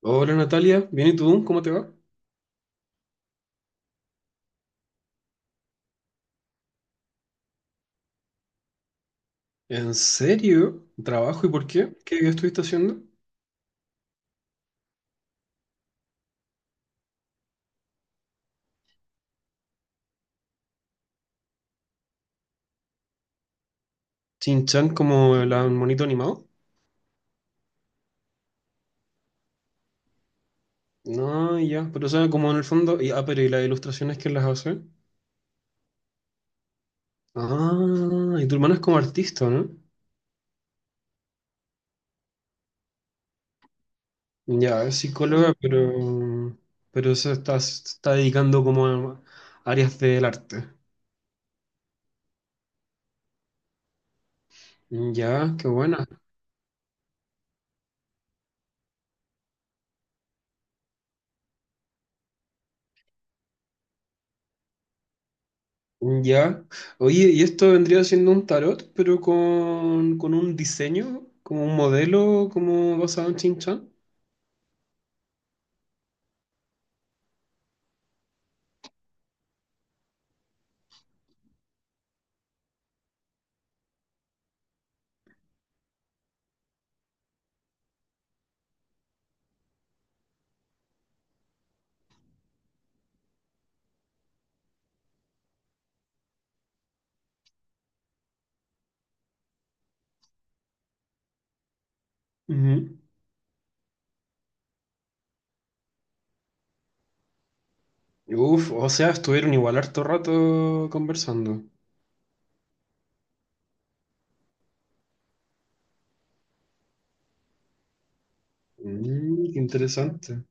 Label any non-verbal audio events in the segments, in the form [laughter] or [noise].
Hola Natalia, ¿bien y tú? ¿Cómo te va? ¿En serio? ¿Trabajo y por qué? ¿Qué, estuviste haciendo? ¿Chinchan como el monito animado? No, ya, pero o sea, como en el fondo, pero ¿y las ilustraciones que las hace? Ah, y tu hermana es como artista, ¿no? Ya, es psicóloga, pero, se está dedicando como a áreas del arte. Ya, qué buena. Ya. Oye, y esto vendría siendo un tarot, pero con un diseño, como un modelo, como basado en Shin Chan. Ujú. Uf, o sea, estuvieron igual harto rato conversando. Mm, qué interesante.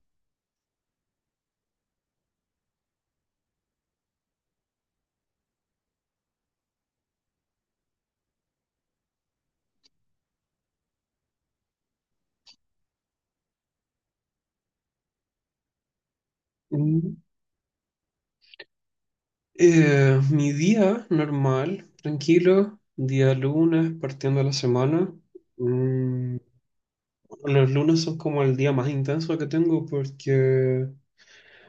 Mm. Mi día normal, tranquilo, día lunes, partiendo la semana. Mm, bueno, los lunes son como el día más intenso que tengo porque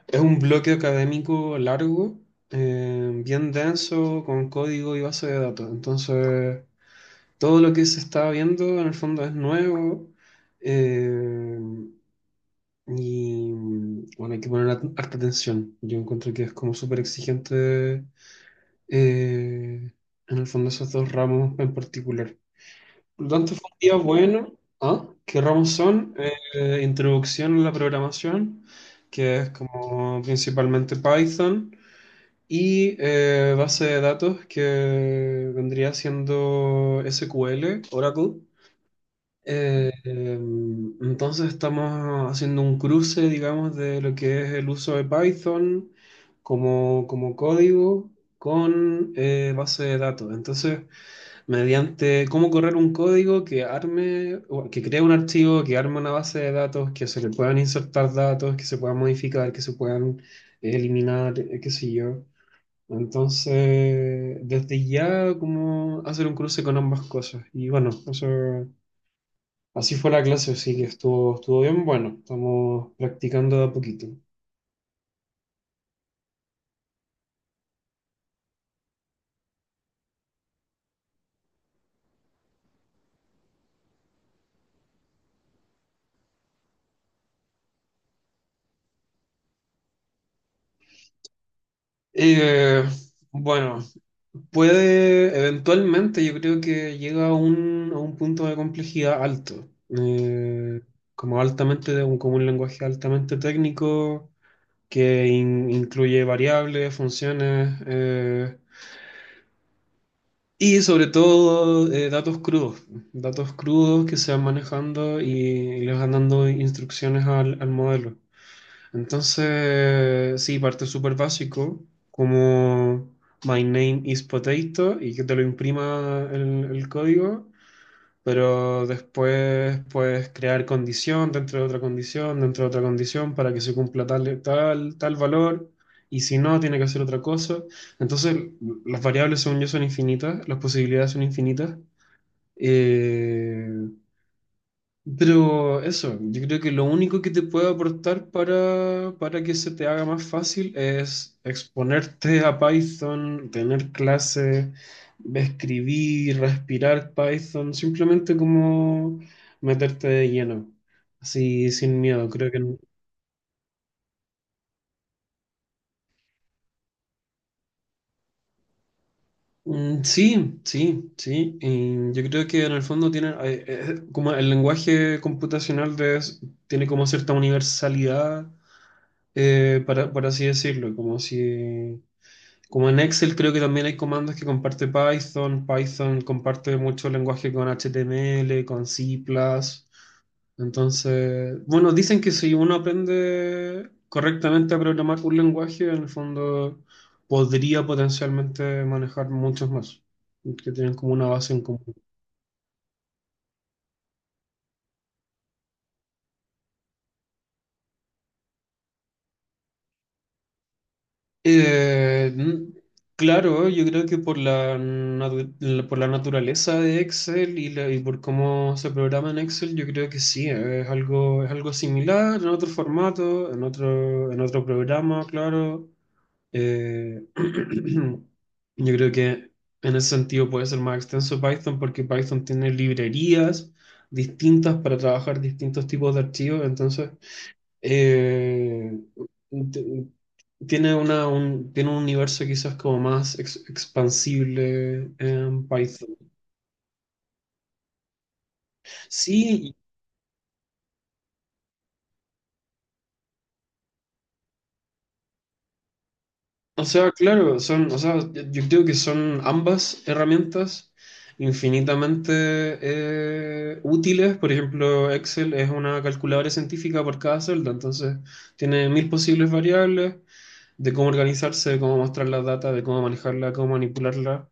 es un bloque académico largo, bien denso, con código y base de datos. Entonces, todo lo que se está viendo en el fondo es nuevo, eh, y bueno, hay que poner harta atención. Yo encuentro que es como súper exigente, eh, en el fondo esos dos ramos en particular. Por lo tanto, fue un día bueno. ¿Ah? ¿Qué ramos son? Introducción a la programación, que es como principalmente Python. Y base de datos que vendría siendo SQL, Oracle. Entonces estamos haciendo un cruce, digamos, de lo que es el uso de Python como código con base de datos. Entonces, mediante cómo correr un código que arme, o que cree un archivo, que arme una base de datos, que se le puedan insertar datos, que se puedan modificar, que se puedan eliminar, qué sé yo. Entonces, desde ya, como hacer un cruce con ambas cosas. Y bueno, eso, así fue la clase, así que estuvo bien. Bueno, estamos practicando de a poquito. Eh, bueno, puede, eventualmente, yo creo que llega a un punto de complejidad alto. Como altamente, como un lenguaje altamente técnico que incluye variables, funciones. Y sobre todo datos crudos que se van manejando y les van dando instrucciones al modelo. Entonces, sí, parte súper básico, como "my name is potato" y que te lo imprima el código, pero después puedes crear condición dentro de otra condición, dentro de otra condición para que se cumpla tal, tal, tal valor, y si no, tiene que hacer otra cosa. Entonces, las variables, según yo, son infinitas, las posibilidades son infinitas. Eh, pero eso, yo creo que lo único que te puede aportar para que se te haga más fácil es exponerte a Python, tener clase, escribir, respirar Python, simplemente como meterte de lleno, así sin miedo. Creo que sí, sí, sí. Y yo creo que en el fondo tiene, como el lenguaje computacional tiene como cierta universalidad, para, por así decirlo, como si... Como en Excel creo que también hay comandos que comparte Python. Python comparte mucho lenguaje con HTML, con C++. Entonces, bueno, dicen que si uno aprende correctamente a programar un lenguaje, en el fondo podría potencialmente manejar muchos más, que tienen como una base en común. Eh, mm, claro, yo creo que por por la naturaleza de Excel y por cómo se programa en Excel, yo creo que sí, es algo similar en otro formato, en otro programa, claro. Eh, [clears throat] yo creo que en ese sentido puede ser más extenso Python porque Python tiene librerías distintas para trabajar distintos tipos de archivos, entonces... Eh, t- tiene tiene un universo quizás como más expansible en Python. Sí, o sea, claro, son, o sea, yo creo que son ambas herramientas infinitamente útiles. Por ejemplo, Excel es una calculadora científica por cada celda, entonces tiene mil posibles variables de cómo organizarse, de cómo mostrar la data, de cómo manejarla, cómo manipularla.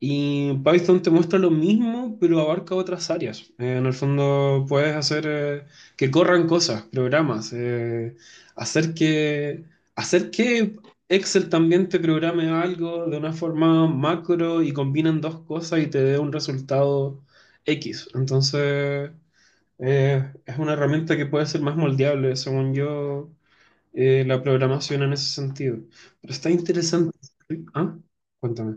Y Python te muestra lo mismo, pero abarca otras áreas. En el fondo puedes hacer que corran cosas, programas, hacer que, hacer que Excel también te programe algo de una forma macro y combinan dos cosas y te dé un resultado X. Entonces, es una herramienta que puede ser más moldeable, según yo, la programación en ese sentido. Pero está interesante. ¿Ah? Cuéntame.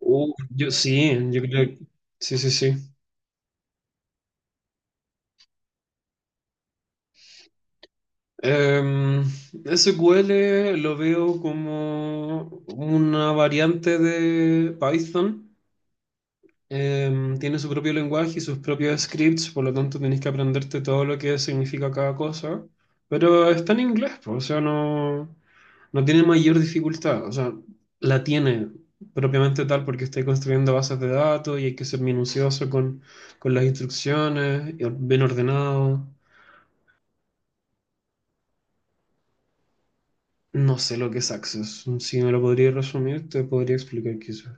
Yo sí, yo creo. Sí, sí, sí. Em, SQL lo veo como una variante de Python. Tiene su propio lenguaje y sus propios scripts, por lo tanto tenés que aprenderte todo lo que significa cada cosa. Pero está en inglés, pues, o sea, no, no tiene mayor dificultad. O sea, la tiene propiamente tal porque estoy construyendo bases de datos y hay que ser minucioso con las instrucciones, y bien ordenado. No sé lo que es Access. Si me lo podría resumir, te podría explicar quizás.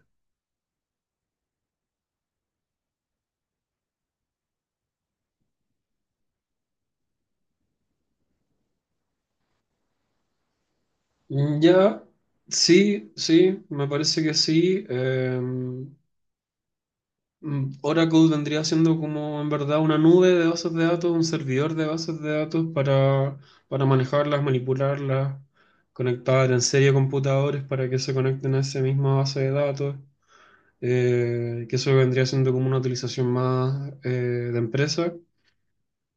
Ya, sí, sí, me parece que sí. Oracle vendría siendo como en verdad una nube de bases de datos, un servidor de bases de datos para manejarlas, manipularlas, conectar en serie computadores para que se conecten a esa misma base de datos. Que eso vendría siendo como una utilización más, de empresa.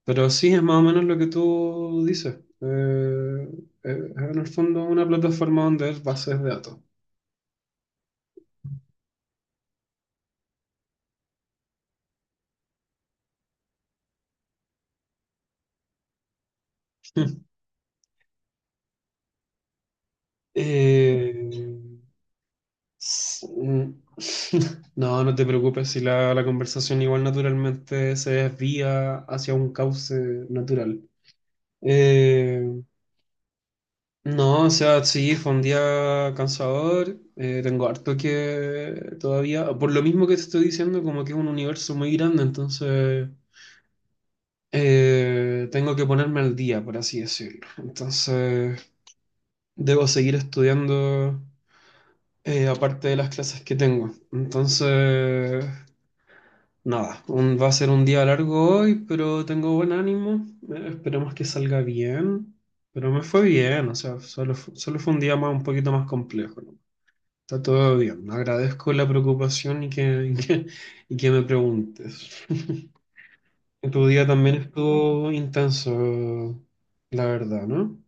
Pero sí, es más o menos lo que tú dices. Eh, en el fondo, una plataforma donde hay bases de datos. [laughs] Eh, s- mm, [laughs] no, no te preocupes si la conversación igual naturalmente se desvía hacia un cauce natural. Eh, no, o sea, sí, fue un día cansador. Tengo harto que todavía, por lo mismo que te estoy diciendo, como que es un universo muy grande, entonces... Tengo que ponerme al día, por así decirlo. Entonces, debo seguir estudiando, aparte de las clases que tengo. Entonces, nada, va a ser un día largo hoy, pero tengo buen ánimo. Esperemos que salga bien. Pero me fue bien, o sea, solo fue un día más, un poquito más complejo, ¿no? Está todo bien. Agradezco la preocupación [laughs] y que me preguntes. [laughs] Tu día también estuvo intenso, la verdad, ¿no?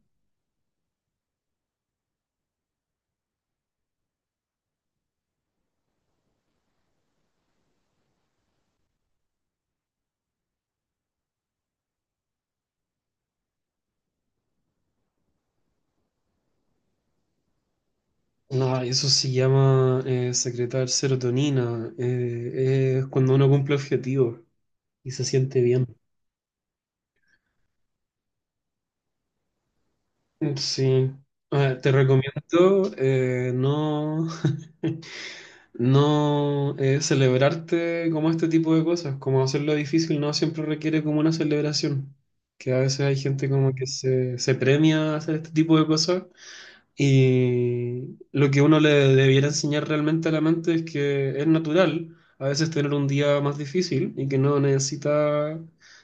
No, eso se llama, secretar serotonina. Es cuando uno cumple objetivos y se siente bien. Sí. Ah, te recomiendo, [laughs] no celebrarte como este tipo de cosas, como hacerlo difícil no siempre requiere como una celebración, que a veces hay gente como que se premia a hacer este tipo de cosas. Y lo que uno le debiera enseñar realmente a la mente es que es natural a veces tener un día más difícil y que no necesita,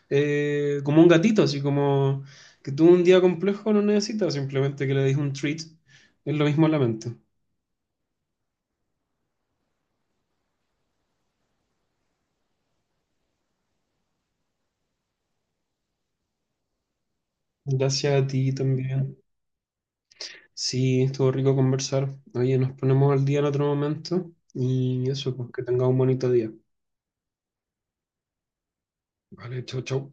como un gatito, así como que tuvo un día complejo, no necesita simplemente que le des un treat. Es lo mismo a la mente. Gracias a ti también. Sí, estuvo rico conversar. Oye, nos ponemos al día en otro momento y eso, pues que tenga un bonito día. Vale, chau, chau.